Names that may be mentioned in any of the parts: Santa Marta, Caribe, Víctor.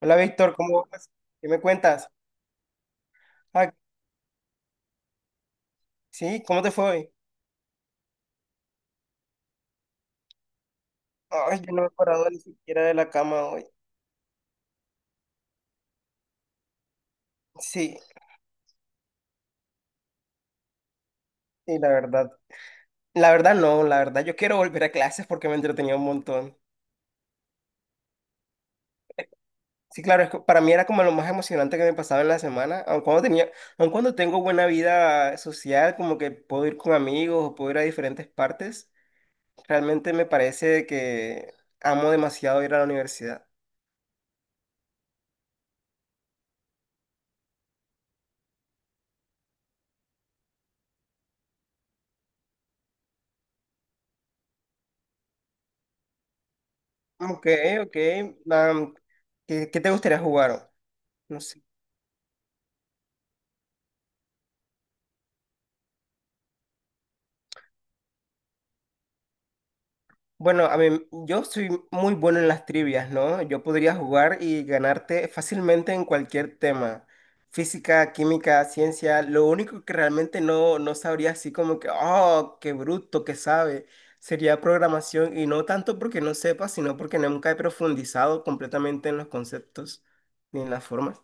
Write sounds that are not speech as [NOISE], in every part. Hola Víctor, ¿cómo vas? ¿Qué me cuentas? Ah, sí, ¿cómo te fue hoy? Ay, yo no me he parado ni siquiera de la cama hoy. Sí, y la verdad no, la verdad yo quiero volver a clases porque me entretenía un montón. Sí, claro, es que para mí era como lo más emocionante que me pasaba en la semana, aun cuando tengo buena vida social, como que puedo ir con amigos o puedo ir a diferentes partes, realmente me parece que amo demasiado ir a la universidad. Ok, ok, am, ¿qué te gustaría jugar? No sé. Bueno, yo soy muy bueno en las trivias, ¿no? Yo podría jugar y ganarte fácilmente en cualquier tema. Física, química, ciencia. Lo único que realmente no sabría así como que, oh, qué bruto que sabe, sería programación. Y no tanto porque no sepa, sino porque nunca he profundizado completamente en los conceptos ni en las formas.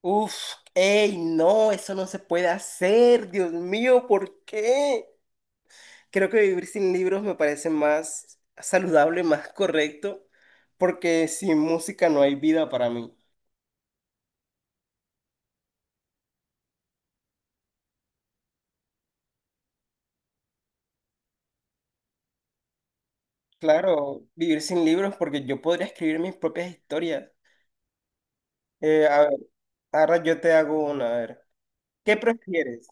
Uf, ey, no, eso no se puede hacer. Dios mío, ¿por qué? Creo que vivir sin libros me parece más saludable, más correcto, porque sin música no hay vida para mí. Claro, vivir sin libros porque yo podría escribir mis propias historias. A ver, ahora yo te hago una, a ver. ¿Qué prefieres?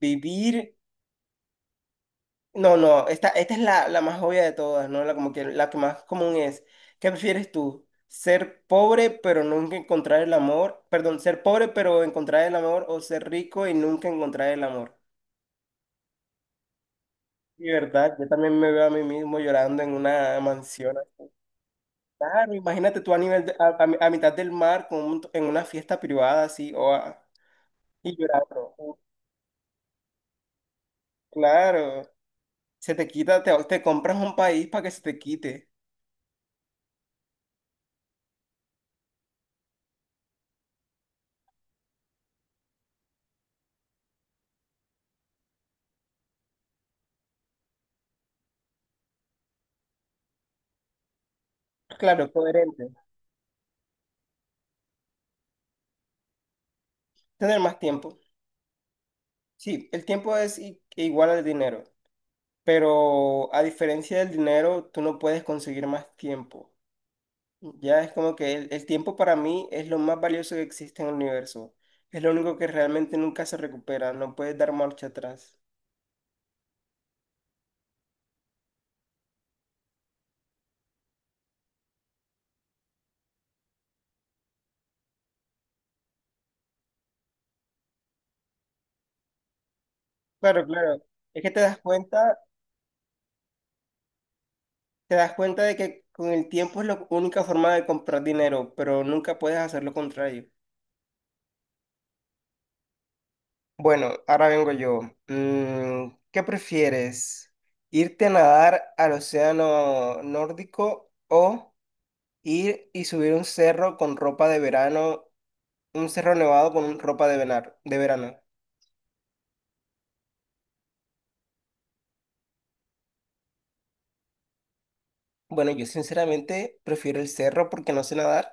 ¿Vivir? No, no, esta es la más obvia de todas, ¿no? La, como que, la que más común es. ¿Qué prefieres tú? ¿Ser pobre pero nunca encontrar el amor? Perdón, ¿ser pobre pero encontrar el amor o ser rico y nunca encontrar el amor? Y verdad, yo también me veo a mí mismo llorando en una mansión. Claro, imagínate tú a nivel de- a mitad del mar con un- en una fiesta privada así o a- y llorando. Claro, se te quita, te compras un país para que se te quite. Claro, coherente. Tener más tiempo. Sí, el tiempo es i- e igual al dinero, pero a diferencia del dinero, tú no puedes conseguir más tiempo. Ya es como que el tiempo para mí es lo más valioso que existe en el universo. Es lo único que realmente nunca se recupera, no puedes dar marcha atrás. Claro, claro. Es que te das cuenta de que con el tiempo es la única forma de comprar dinero, pero nunca puedes hacer lo contrario. Bueno, ahora vengo yo. Mm, ¿qué prefieres? ¿Irte a nadar al océano nórdico o ir y subir un cerro con ropa de verano? Un cerro nevado con un- ropa de venar- de verano. Bueno, yo sinceramente prefiero el cerro porque no sé nadar.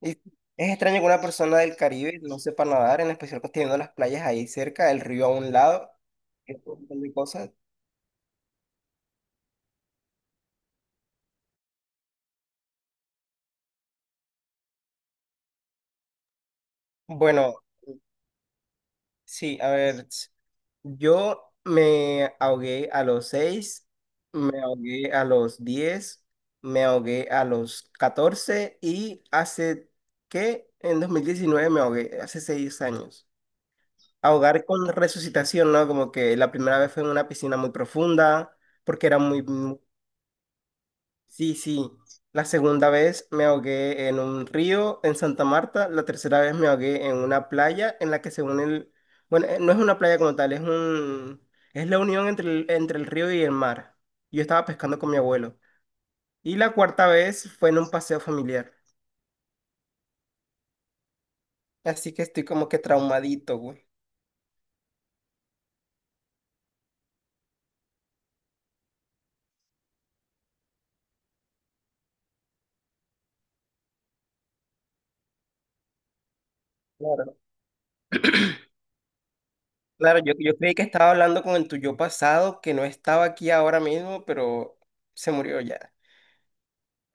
Y es extraño que una persona del Caribe no sepa nadar, en especial que teniendo las playas ahí cerca, el río a un lado, y un montón de cosas. Bueno, sí, a ver, ts- yo me ahogué a los 6, me ahogué a los 10, me ahogué a los 14 y hace, ¿qué? En 2019 me ahogué, hace 6 años. Ahogar con resucitación, ¿no? Como que la primera vez fue en una piscina muy profunda, porque era muy... muy- Sí, sí. La segunda vez me ahogué en un río en Santa Marta. La tercera vez me ahogué en una playa en la que según el... Bueno, no es una playa como tal, es un... Es la unión entre el río y el mar. Yo estaba pescando con mi abuelo. Y la cuarta vez fue en un paseo familiar. Así que estoy como que traumadito, güey. Claro. Claro, yo creí que estaba hablando con el tuyo pasado, que no estaba aquí ahora mismo, pero se murió ya.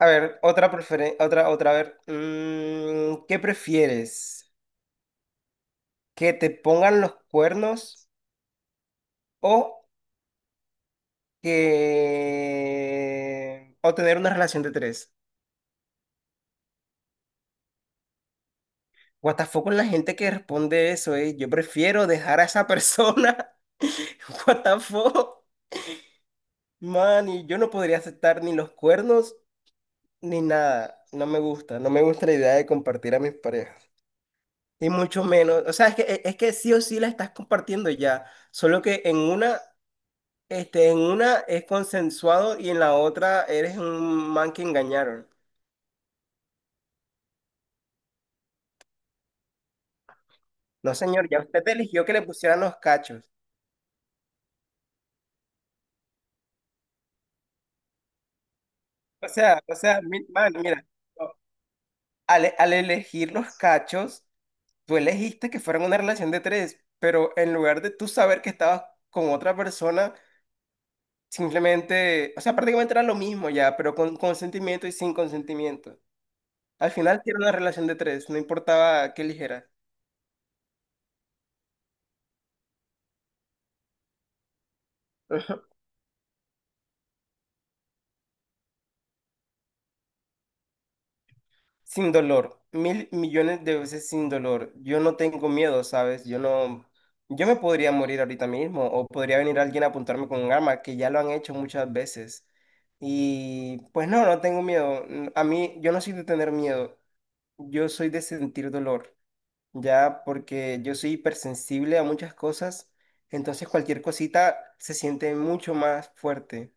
A ver, otra preferencia, otra, otra, a ver. Mm, ¿qué prefieres? ¿Que te pongan los cuernos o que... o tener una relación de tres? What the fuck con la gente que responde eso, eh. Yo prefiero dejar a esa persona. [LAUGHS] What the fuck? Man, y yo no podría aceptar ni los cuernos ni nada. No me gusta. No me gusta la idea de compartir a mis parejas. Y mucho menos. O sea, es que sí o sí la estás compartiendo ya. Solo que en una, este, en una es consensuado y en la otra eres un man que engañaron. No, señor, ya usted eligió que le pusieran los cachos. O sea, mi- man, mira, no, al elegir los cachos, tú elegiste que fuera una relación de tres, pero en lugar de tú saber que estabas con otra persona, simplemente, o sea, prácticamente era lo mismo ya, pero con consentimiento y sin consentimiento. Al final sí era una relación de tres, no importaba qué ligera. Sin dolor, mil millones de veces sin dolor. Yo no tengo miedo, ¿sabes? Yo no, yo me podría morir ahorita mismo o podría venir alguien a apuntarme con un arma, que ya lo han hecho muchas veces. Y pues no, no tengo miedo. A mí, yo no soy de tener miedo, yo soy de sentir dolor. Ya porque yo soy hipersensible a muchas cosas, entonces cualquier cosita se siente mucho más fuerte.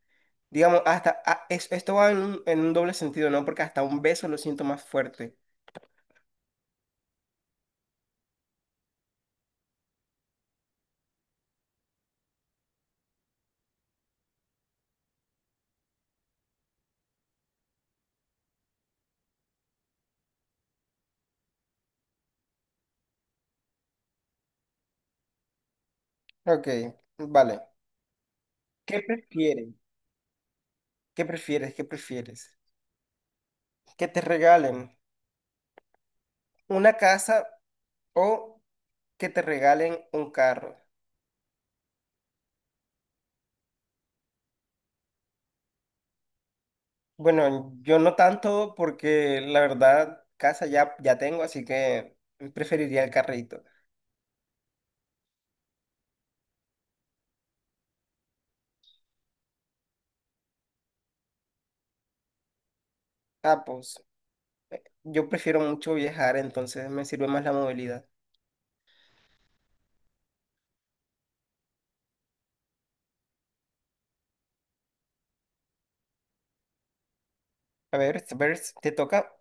Digamos, hasta a- es- esto va en un doble sentido, ¿no? Porque hasta un beso lo siento más fuerte. Ok, vale. ¿Qué prefieres? ¿Qué prefieres? ¿Qué prefieres? ¿Que te regalen una casa o que te regalen un carro? Bueno, yo no tanto porque la verdad casa ya, ya tengo, así que preferiría el carrito. Ah, pues, yo prefiero mucho viajar, entonces me sirve más la movilidad. A ver, te toca.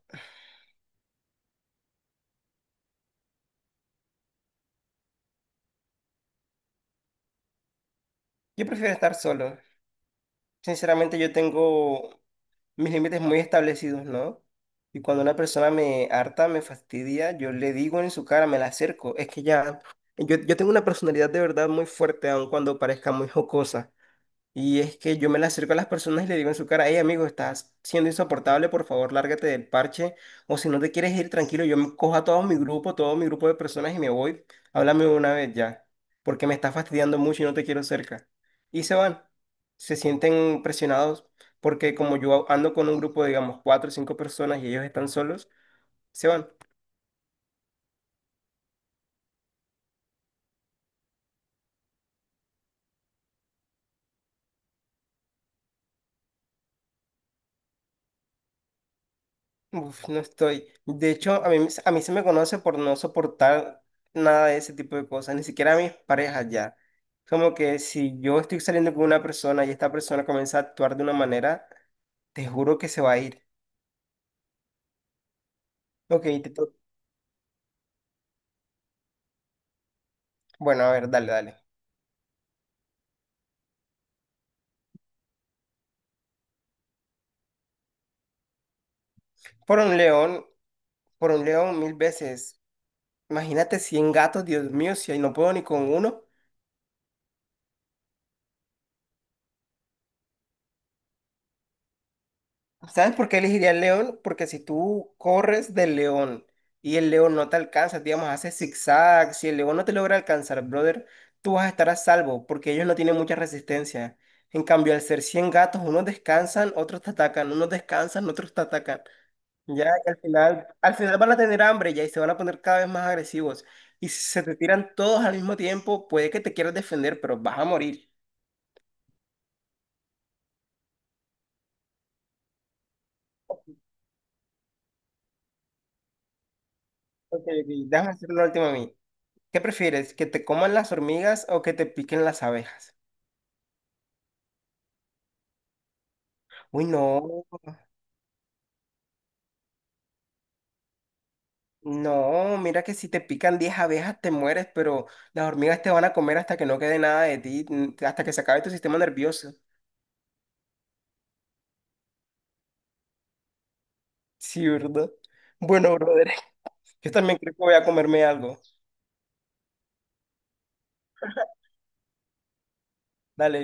Yo prefiero estar solo. Sinceramente, yo tengo mis límites muy establecidos, ¿no? Y cuando una persona me harta, me fastidia, yo le digo en su cara, me la acerco. Es que ya, yo tengo una personalidad de verdad muy fuerte, aun cuando parezca muy jocosa. Y es que yo me le acerco a las personas y le digo en su cara, hey amigo, estás siendo insoportable, por favor, lárgate del parche. O si no te quieres ir, tranquilo, yo me cojo a todo mi grupo de personas y me voy. Háblame una vez ya, porque me está fastidiando mucho y no te quiero cerca. Y se van. Se sienten presionados porque como yo ando con un grupo, digamos, cuatro o cinco personas y ellos están solos, se van. Uf, no estoy. De hecho, a mí se me conoce por no soportar nada de ese tipo de cosas, ni siquiera a mis parejas ya. Como que si yo estoy saliendo con una persona y esta persona comienza a actuar de una manera, te juro que se va a ir. Ok, te to- Bueno, a ver, dale, dale. Por un león, por un león mil veces. Imagínate 100 gatos, Dios mío, si ahí no puedo ni con uno. ¿Sabes por qué elegiría el león? Porque si tú corres del león y el león no te alcanza, digamos, hace zigzag, si el león no te logra alcanzar, brother, tú vas a estar a salvo porque ellos no tienen mucha resistencia. En cambio, al ser 100 gatos, unos descansan, otros te atacan, unos descansan, otros te atacan. Ya que al final van a tener hambre ya y se van a poner cada vez más agresivos. Y si se te tiran todos al mismo tiempo, puede que te quieras defender, pero vas a morir. Ok, ok, déjame hacer la última a mí. ¿Qué prefieres? ¿Que te coman las hormigas o que te piquen las abejas? Uy, no, no, mira que si te pican 10 abejas te mueres, pero las hormigas te van a comer hasta que no quede nada de ti, n- hasta que se acabe tu sistema nervioso. Sí, ¿verdad? Bueno, brother, [LAUGHS] yo también creo que voy a comerme algo. Dale.